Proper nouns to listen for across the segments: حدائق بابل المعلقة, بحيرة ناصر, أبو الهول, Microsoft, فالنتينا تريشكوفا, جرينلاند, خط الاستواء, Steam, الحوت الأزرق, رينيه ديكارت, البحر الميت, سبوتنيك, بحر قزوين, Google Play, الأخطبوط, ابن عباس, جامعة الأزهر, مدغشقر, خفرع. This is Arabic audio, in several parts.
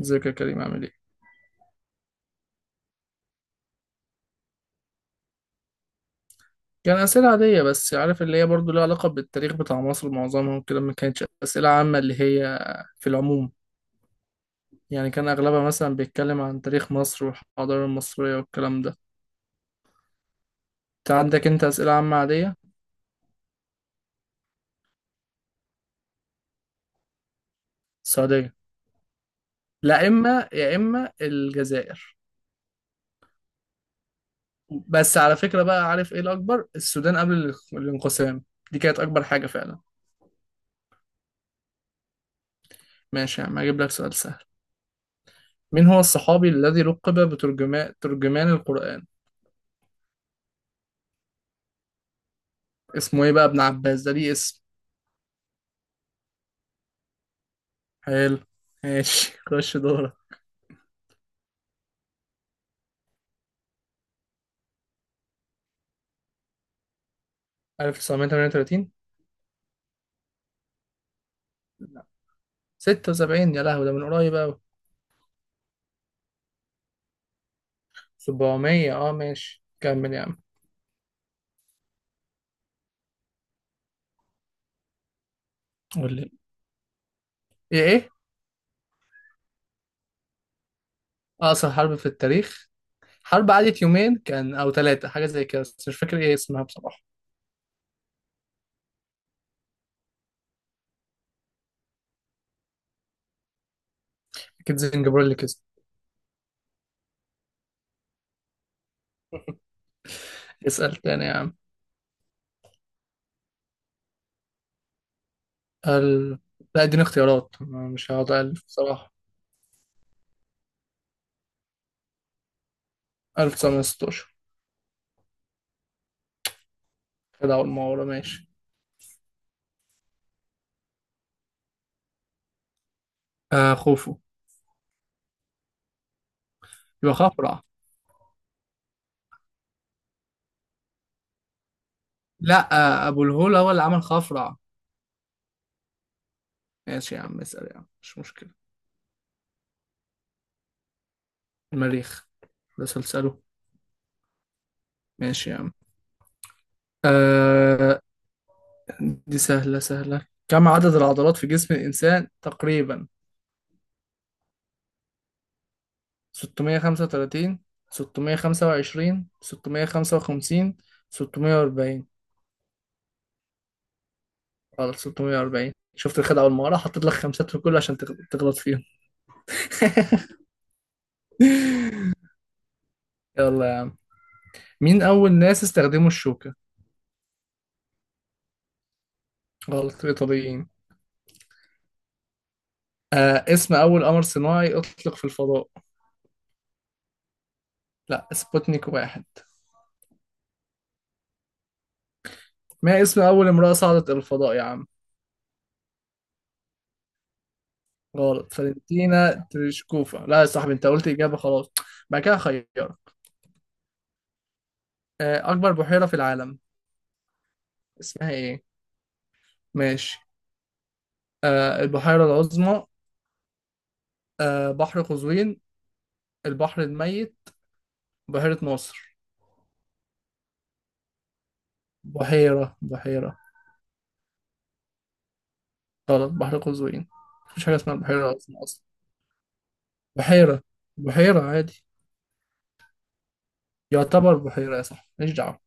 ازيك يا كريم، عامل ايه؟ كان أسئلة عادية بس عارف اللي هي برضو لها علاقة بالتاريخ بتاع مصر معظمها وكده، ما كانتش أسئلة عامة اللي هي في العموم. يعني كان أغلبها مثلا بيتكلم عن تاريخ مصر والحضارة المصرية والكلام ده. انت عندك انت أسئلة عامة عادية. السعودية. لا، إما يا إما الجزائر. بس على فكرة بقى، عارف ايه الأكبر؟ السودان قبل الانقسام. دي كانت أكبر حاجة فعلا. ماشي يا عم، هجيب لك سؤال سهل. مين هو الصحابي الذي لقب بترجمان ترجمان القرآن؟ اسمه ايه بقى، ابن عباس ده ليه اسم. حلو. ماشي خش دورك. 1938. لا. 76، يا لهوي ده من قريب أوي. 700، اه ماشي كمل يا عم. قول لي. ايه. أقصر حرب في التاريخ. حرب قعدت يومين كان أو ثلاثة، حاجة زي كده، بس مش فاكر ايه اسمها بصراحة. أكيد زنجبار اللي كسب. اسأل تاني يا عم. ال... لا اديني اختيارات، أنا مش هقعد ألف بصراحة. 1916. كده أول ما ورا، ماشي. خوفو. يبقى خفرع. لا. أبو الهول هو اللي عمل خفرع. ماشي يا عم، اسأل يا عم مش مشكلة. المريخ. ده سلسله. ماشي يا عم. آه. دي سهلة سهلة. كم عدد العضلات في جسم الإنسان تقريبا؟ 635، 625، 655، 640. غلط، 640. شفت الخدعة والمهارة، حطيت لك خمسات في كله عشان تغلط فيهم. يلا يا عم. مين أول ناس استخدموا الشوكة؟ غلط، الإيطاليين. آه، اسم أول قمر صناعي أطلق في الفضاء. لا، سبوتنيك واحد. ما اسم أول امرأة صعدت إلى الفضاء يا عم؟ غلط، فالنتينا تريشكوفا. لا يا صاحبي، أنت قلت إجابة خلاص. بعد كده خيرك. أكبر بحيرة في العالم. اسمها إيه؟ ماشي. البحيرة العظمى. بحر قزوين. البحر الميت. بحيرة ناصر. بحيرة بحيرة. غلط، بحر قزوين. مفيش حاجة اسمها بحيرة العظمى أصلا. بحيرة بحيرة عادي. يعتبر بحيرة يا صاحبي، ماليش دعوة.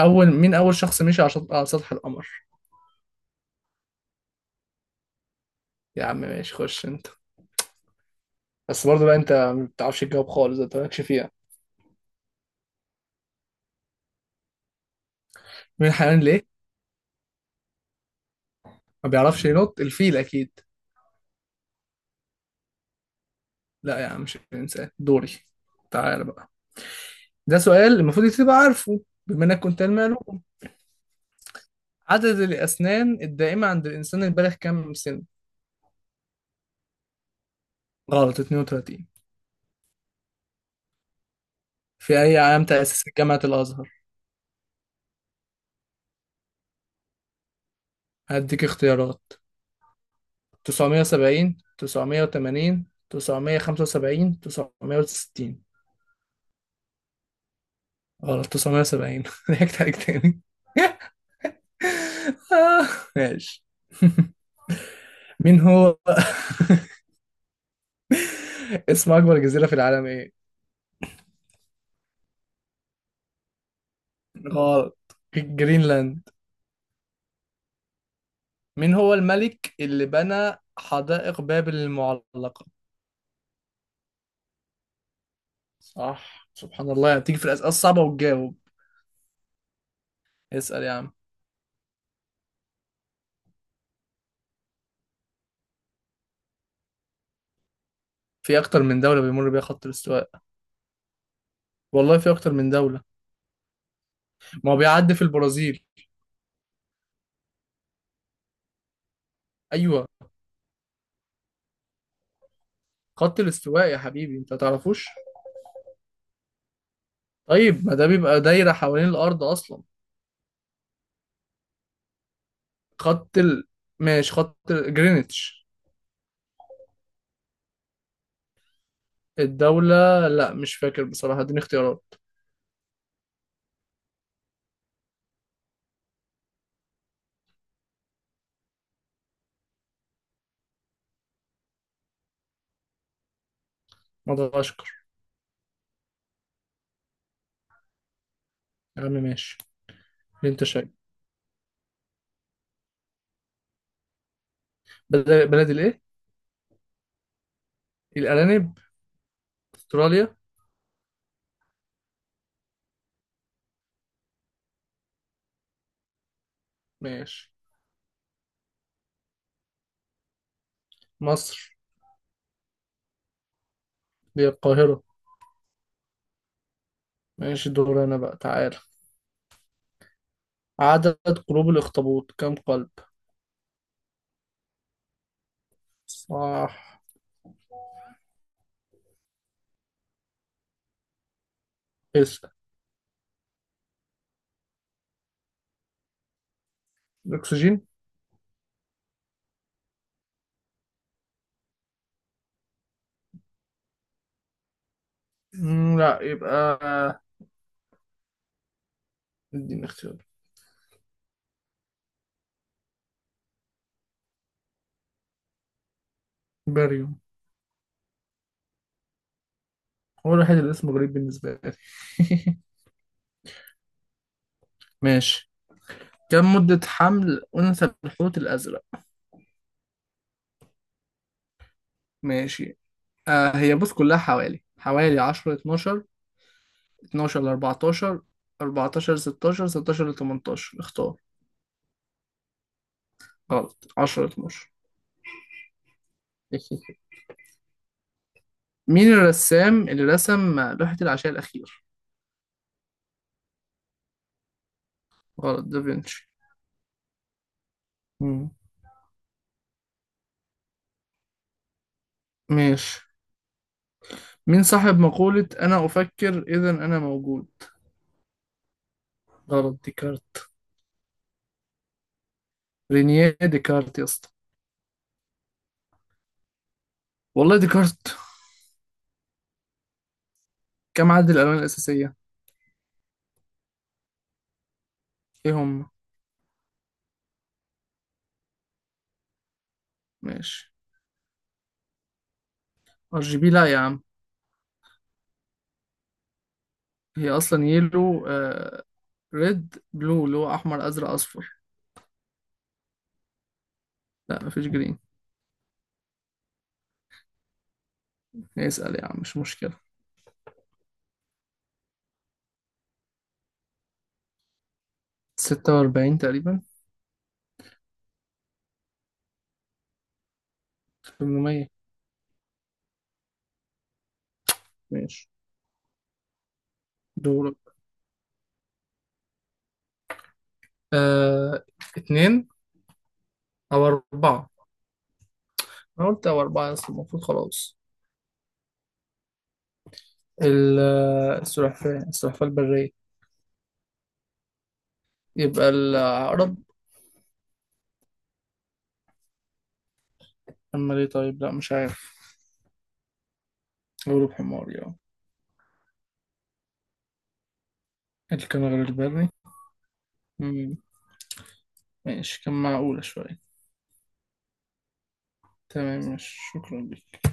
أول شخص مشي على سطح القمر؟ يا عم ماشي، خش أنت. بس برضه بقى، انت ما بتعرفش تجاوب خالص، انت مالكش فيها. مين الحيوان ليه. ما بيعرفش ينط، الفيل اكيد. لا يا عم، مش الانسان دوري. تعالى بقى. ده سؤال المفروض انت تبقى عارفه، بما انك كنت علمي علوم. عدد الاسنان الدائمه عند الانسان البالغ كام سن؟ غلط، 32. في اي عام تاسس جامعه الازهر؟ هديك اختيارات. 970، 980، 975، 960. غلط، 970 ضحكت عليك تاني. آه، ماشي. مين هو اسم أكبر جزيرة في العالم إيه؟ غلط، جرينلاند. مين هو الملك اللي بنى حدائق بابل المعلقة؟ صح، سبحان الله، يعني بتيجي في الأسئلة الصعبة وتجاوب. اسأل يا عم. في أكتر من دولة بيمر بيها خط الاستواء. والله في أكتر من دولة. ما هو بيعدي في البرازيل. أيوه. خط الاستواء يا حبيبي، أنت ما تعرفوش؟ طيب ما ده بيبقى دايرة حوالين الأرض أصلا. خط ال... ماشي، خط جرينتش. الدولة لا مش فاكر بصراحة، اديني اختيارات. مدغشقر. يا عم ماشي. اللي انت شايف. بلد الايه. الأرانب. استراليا. ماشي. مصر. دي القاهرة. ماشي دور انا بقى، تعالى. عدد قلوب الأخطبوط كم قلب. صح. اسأل. الأكسجين. لا يبقى اديني اختيار. باريوم. هو الوحيد اللي اسمه غريب بالنسبة لي. ماشي. كم مدة حمل أنثى الحوت الأزرق؟ ماشي. هي بص، كلها حوالي 10، 12، 12 ل 14، 14 ل 16، 16 ل 18، اختار. غلط، 10 ل 12. مين الرسام اللي رسم لوحة العشاء الأخير؟ غلط، دافنشي. مم. ماشي. مين صاحب مقولة أنا أفكر إذا أنا موجود؟ غلط، ديكارت. رينيه ديكارت يا اسطى. والله ديكارت. كم عدد الألوان الأساسية؟ إيه هم؟ ماشي. ار جي بي لا يا عم. هي أصلا يلو، ريد بلو اللي هو احمر ازرق اصفر. لا مفيش جرين. اسال يا عم مش مشكله. 46 تقريبا. 800. ماشي دورك. آه... اتنين او اربعه. انا قلت او اربعه بس المفروض خلاص. السلحفاه البريه. يبقى العقرب. اما ليه طيب، لا مش عارف. غروب حماري اه. الكنغر البري. مم، ماشي، كان معقولة شوية. تمام، مش شكرا لك.